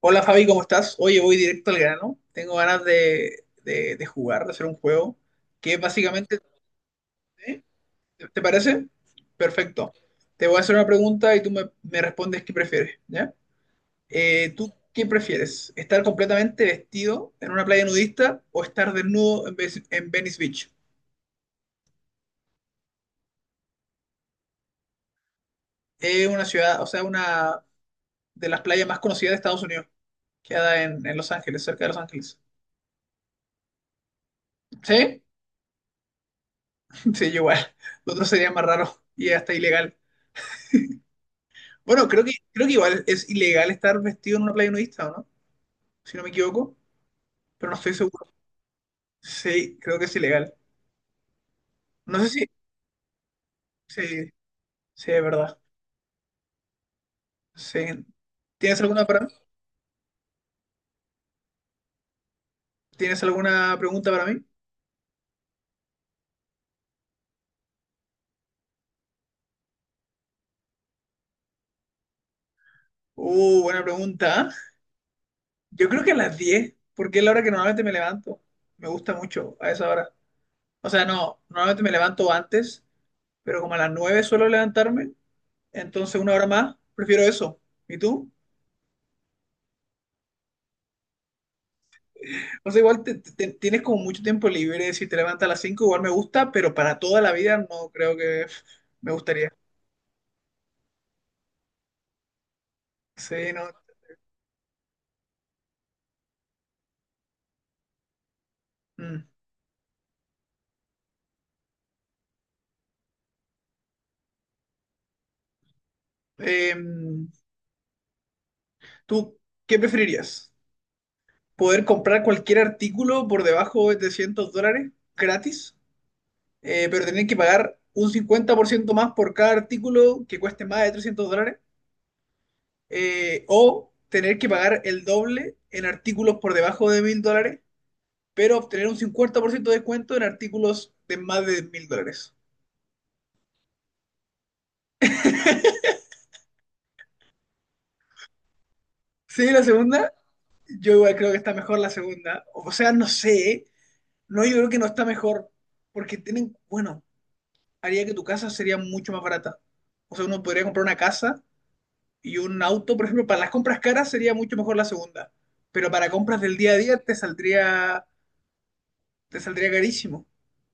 Hola Fabi, ¿cómo estás? Oye, voy directo al grano. Tengo ganas de jugar, de hacer un juego que básicamente... ¿eh? ¿Te parece? Perfecto. Te voy a hacer una pregunta y tú me respondes qué prefieres, ¿ya? ¿Tú qué prefieres? ¿Estar completamente vestido en una playa nudista o estar desnudo en Venice Beach? Es una ciudad, o sea, una de las playas más conocidas de Estados Unidos. Queda en Los Ángeles, cerca de Los Ángeles. ¿Sí? Sí, yo igual. Lo otro sería más raro y hasta ilegal. Bueno, creo que igual es ilegal estar vestido en una playa nudista, ¿o no? Si no me equivoco, pero no estoy seguro. Sí, creo que es ilegal. No sé si... Sí, sí, es verdad. Sí. ¿Tienes alguna para mí? ¿Tienes alguna pregunta para mí? Buena pregunta. ¿Ah? Yo creo que a las 10, porque es la hora que normalmente me levanto. Me gusta mucho a esa hora. O sea, no, normalmente me levanto antes, pero como a las 9 suelo levantarme, entonces una hora más, prefiero eso. ¿Y tú? O sea, tienes como mucho tiempo libre, si te levantas a las 5 igual me gusta, pero para toda la vida no creo que me gustaría. Sí, no. Mm. Em, ¿Tú qué preferirías? ¿Poder comprar cualquier artículo por debajo de $300 gratis, pero tener que pagar un 50% más por cada artículo que cueste más de $300? ¿O tener que pagar el doble en artículos por debajo de $1,000? Pero obtener un 50% de descuento en artículos de más de $1,000. Sí, la segunda, yo igual creo que está mejor la segunda. O sea, no sé, no, yo creo que no está mejor, porque tienen, bueno, haría que tu casa sería mucho más barata. O sea, uno podría comprar una casa y un auto, por ejemplo, para las compras caras sería mucho mejor la segunda, pero para compras del día a día te saldría carísimo,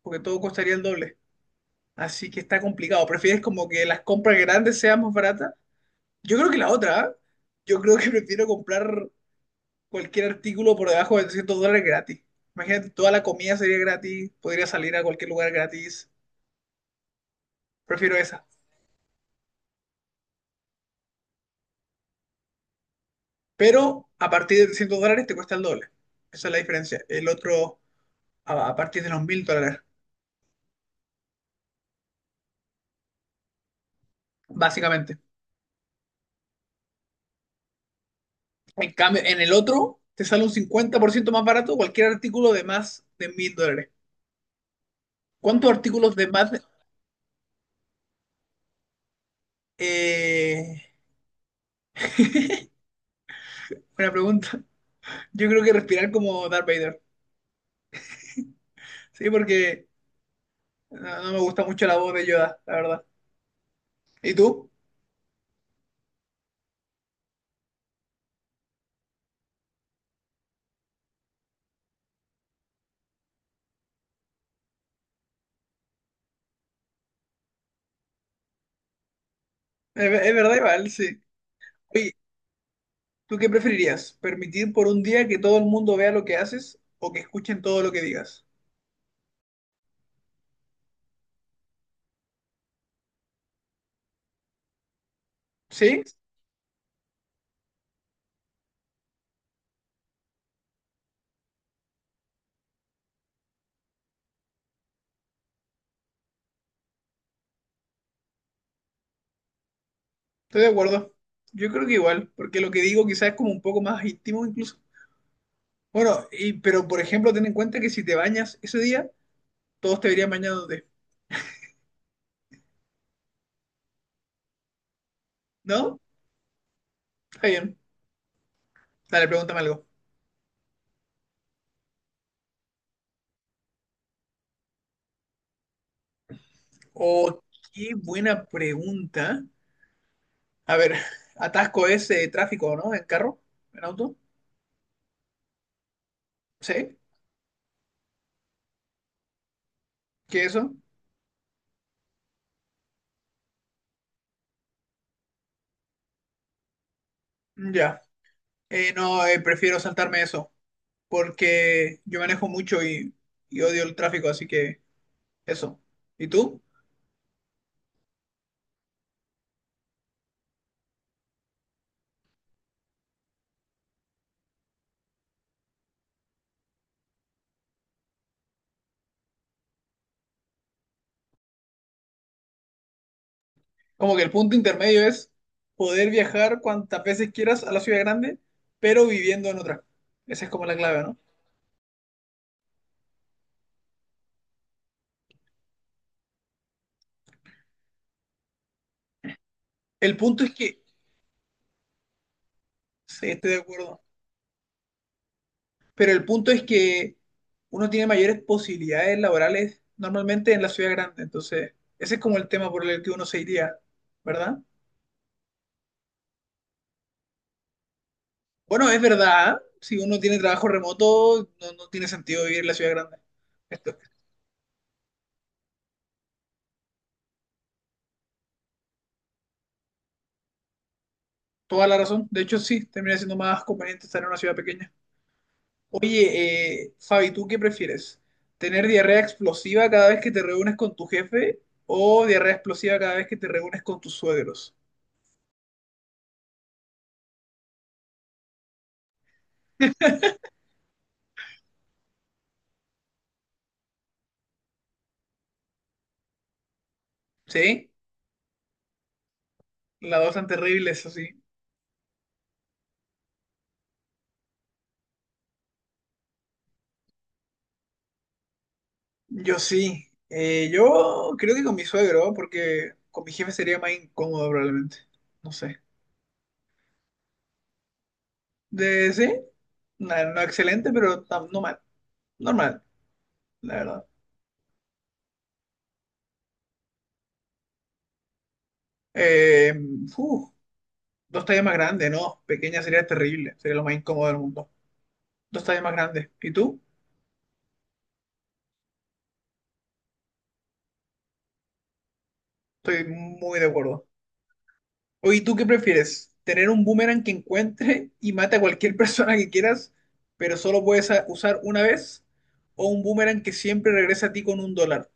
porque todo costaría el doble. Así que está complicado. ¿Prefieres como que las compras grandes sean más baratas? Yo creo que la otra, ¿eh? Yo creo que prefiero comprar cualquier artículo por debajo de $300 gratis. Imagínate, toda la comida sería gratis, podría salir a cualquier lugar gratis. Prefiero esa. Pero a partir de $300 te cuesta el doble. Esa es la diferencia. El otro a partir de los $1,000, básicamente. En cambio, en el otro te sale un 50% más barato cualquier artículo de más de 1000 dólares. ¿Cuántos artículos de más de- eh, buena pregunta. Yo creo que respirar como Darth Vader. Sí, porque no, no me gusta mucho la voz de Yoda, la verdad. ¿Y tú? Es, ve- es verdad, igual, sí. Oye, ¿tú qué preferirías? ¿Permitir por un día que todo el mundo vea lo que haces o que escuchen todo lo que digas? ¿Sí? Estoy de acuerdo. Yo creo que igual, porque lo que digo quizás es como un poco más íntimo incluso. Bueno, y, pero por ejemplo, ten en cuenta que si te bañas ese día, todos te verían bañándote, ¿no? Está bien. Dale, pregúntame algo. Oh, qué buena pregunta. A ver, atasco ese tráfico, ¿no? En carro, en auto. ¿Sí? ¿Qué eso? Mm, ya. No, prefiero saltarme eso, porque yo manejo mucho y odio el tráfico, así que eso. ¿Y tú? Como que el punto intermedio es poder viajar cuantas veces quieras a la ciudad grande, pero viviendo en otra. Esa es como la clave, ¿no? El punto es que, sí, estoy de acuerdo, pero el punto es que uno tiene mayores posibilidades laborales normalmente en la ciudad grande, entonces ese es como el tema por el que uno se iría, ¿verdad? Bueno, es verdad, si uno tiene trabajo remoto, no, no tiene sentido vivir en la ciudad grande. Esto, toda la razón. De hecho, sí, termina siendo más conveniente estar en una ciudad pequeña. Oye, Fabi, ¿tú qué prefieres? ¿Tener diarrea explosiva cada vez que te reúnes con tu jefe o diarrea explosiva cada vez que te reúnes con tus suegros? ¿Sí? Las dos tan terribles, así. Yo sí. Yo creo que con mi suegro, porque con mi jefe sería más incómodo probablemente. No sé. ¿De sí? No, no excelente, pero tam- no mal. Normal, la verdad. Eh, uf, dos tallas más grandes, no. Pequeña sería terrible. Sería lo más incómodo del mundo. Dos tallas más grandes. ¿Y tú? Estoy muy de acuerdo. Oye, ¿tú qué prefieres? ¿Tener un boomerang que encuentre y mate a cualquier persona que quieras, pero solo puedes a- usar una vez? ¿O un boomerang que siempre regresa a ti con un dólar?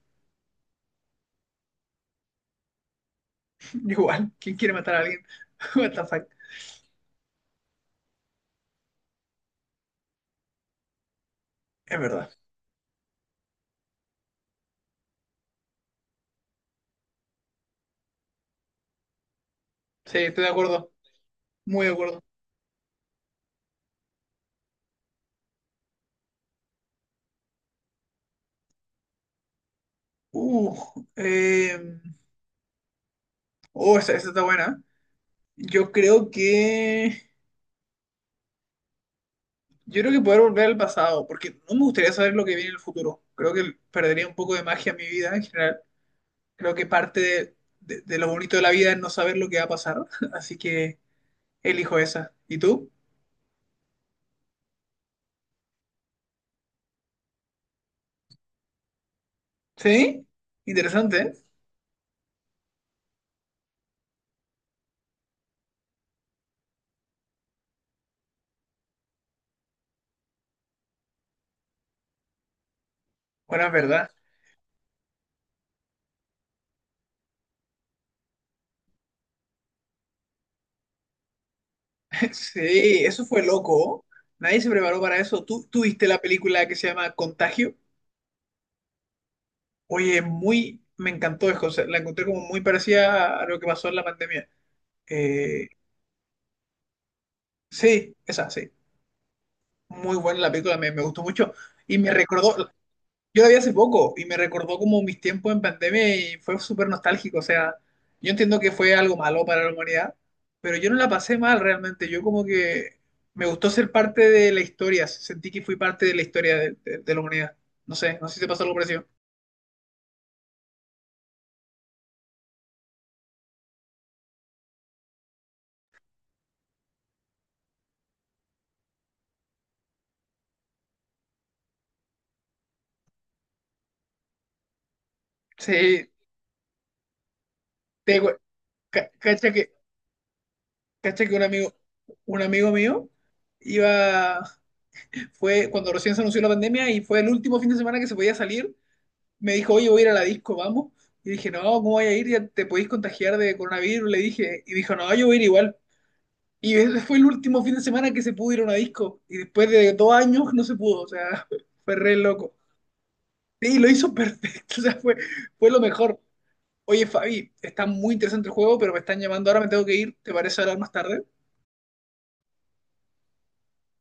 Igual, ¿quién quiere matar a alguien? What the fuck. Es verdad. Sí, estoy de acuerdo. Muy de acuerdo. Uh, Oh, esa está buena. Yo creo que. Yo creo que poder volver al pasado, porque no me gustaría saber lo que viene en el futuro. Creo que perdería un poco de magia en mi vida en general. Creo que parte de lo bonito de la vida es no saber lo que va a pasar. Así que elijo esa. ¿Y tú? ¿Sí? Interesante. ¿Eh? Bueno, es verdad. Sí, eso fue loco. Nadie se preparó para eso. Tú viste la película que se llama Contagio? Oye, muy. Me encantó, es cosa- la encontré como muy parecida a lo que pasó en la pandemia. Eh, Sí, esa, sí. Muy buena la película, me gustó mucho. Y me recordó, yo la vi hace poco y me recordó como mis tiempos en pandemia y fue súper nostálgico. O sea, yo entiendo que fue algo malo para la humanidad, pero yo no la pasé mal realmente. Yo como que me gustó ser parte de la historia, sentí que fui parte de la historia de la humanidad. No sé, no sé si te pasó algo parecido. Sí, te, cu- ca- cacha que, cacha que un amigo mío iba, fue cuando recién se anunció la pandemia y fue el último fin de semana que se podía salir me dijo, oye, voy a ir a la disco, vamos. Y dije, no, ¿cómo voy a ir? Ya te podéis contagiar de coronavirus, le dije. Y dijo, no, yo voy a ir igual. Y ese fue el último fin de semana que se pudo ir a una disco. Y después de 2 años no se pudo, o sea, fue re loco. Sí, lo hizo perfecto, o sea, fue, fue lo mejor. Oye, Fabi, está muy interesante el juego, pero me están llamando ahora, me tengo que ir. ¿Te parece hablar más tarde?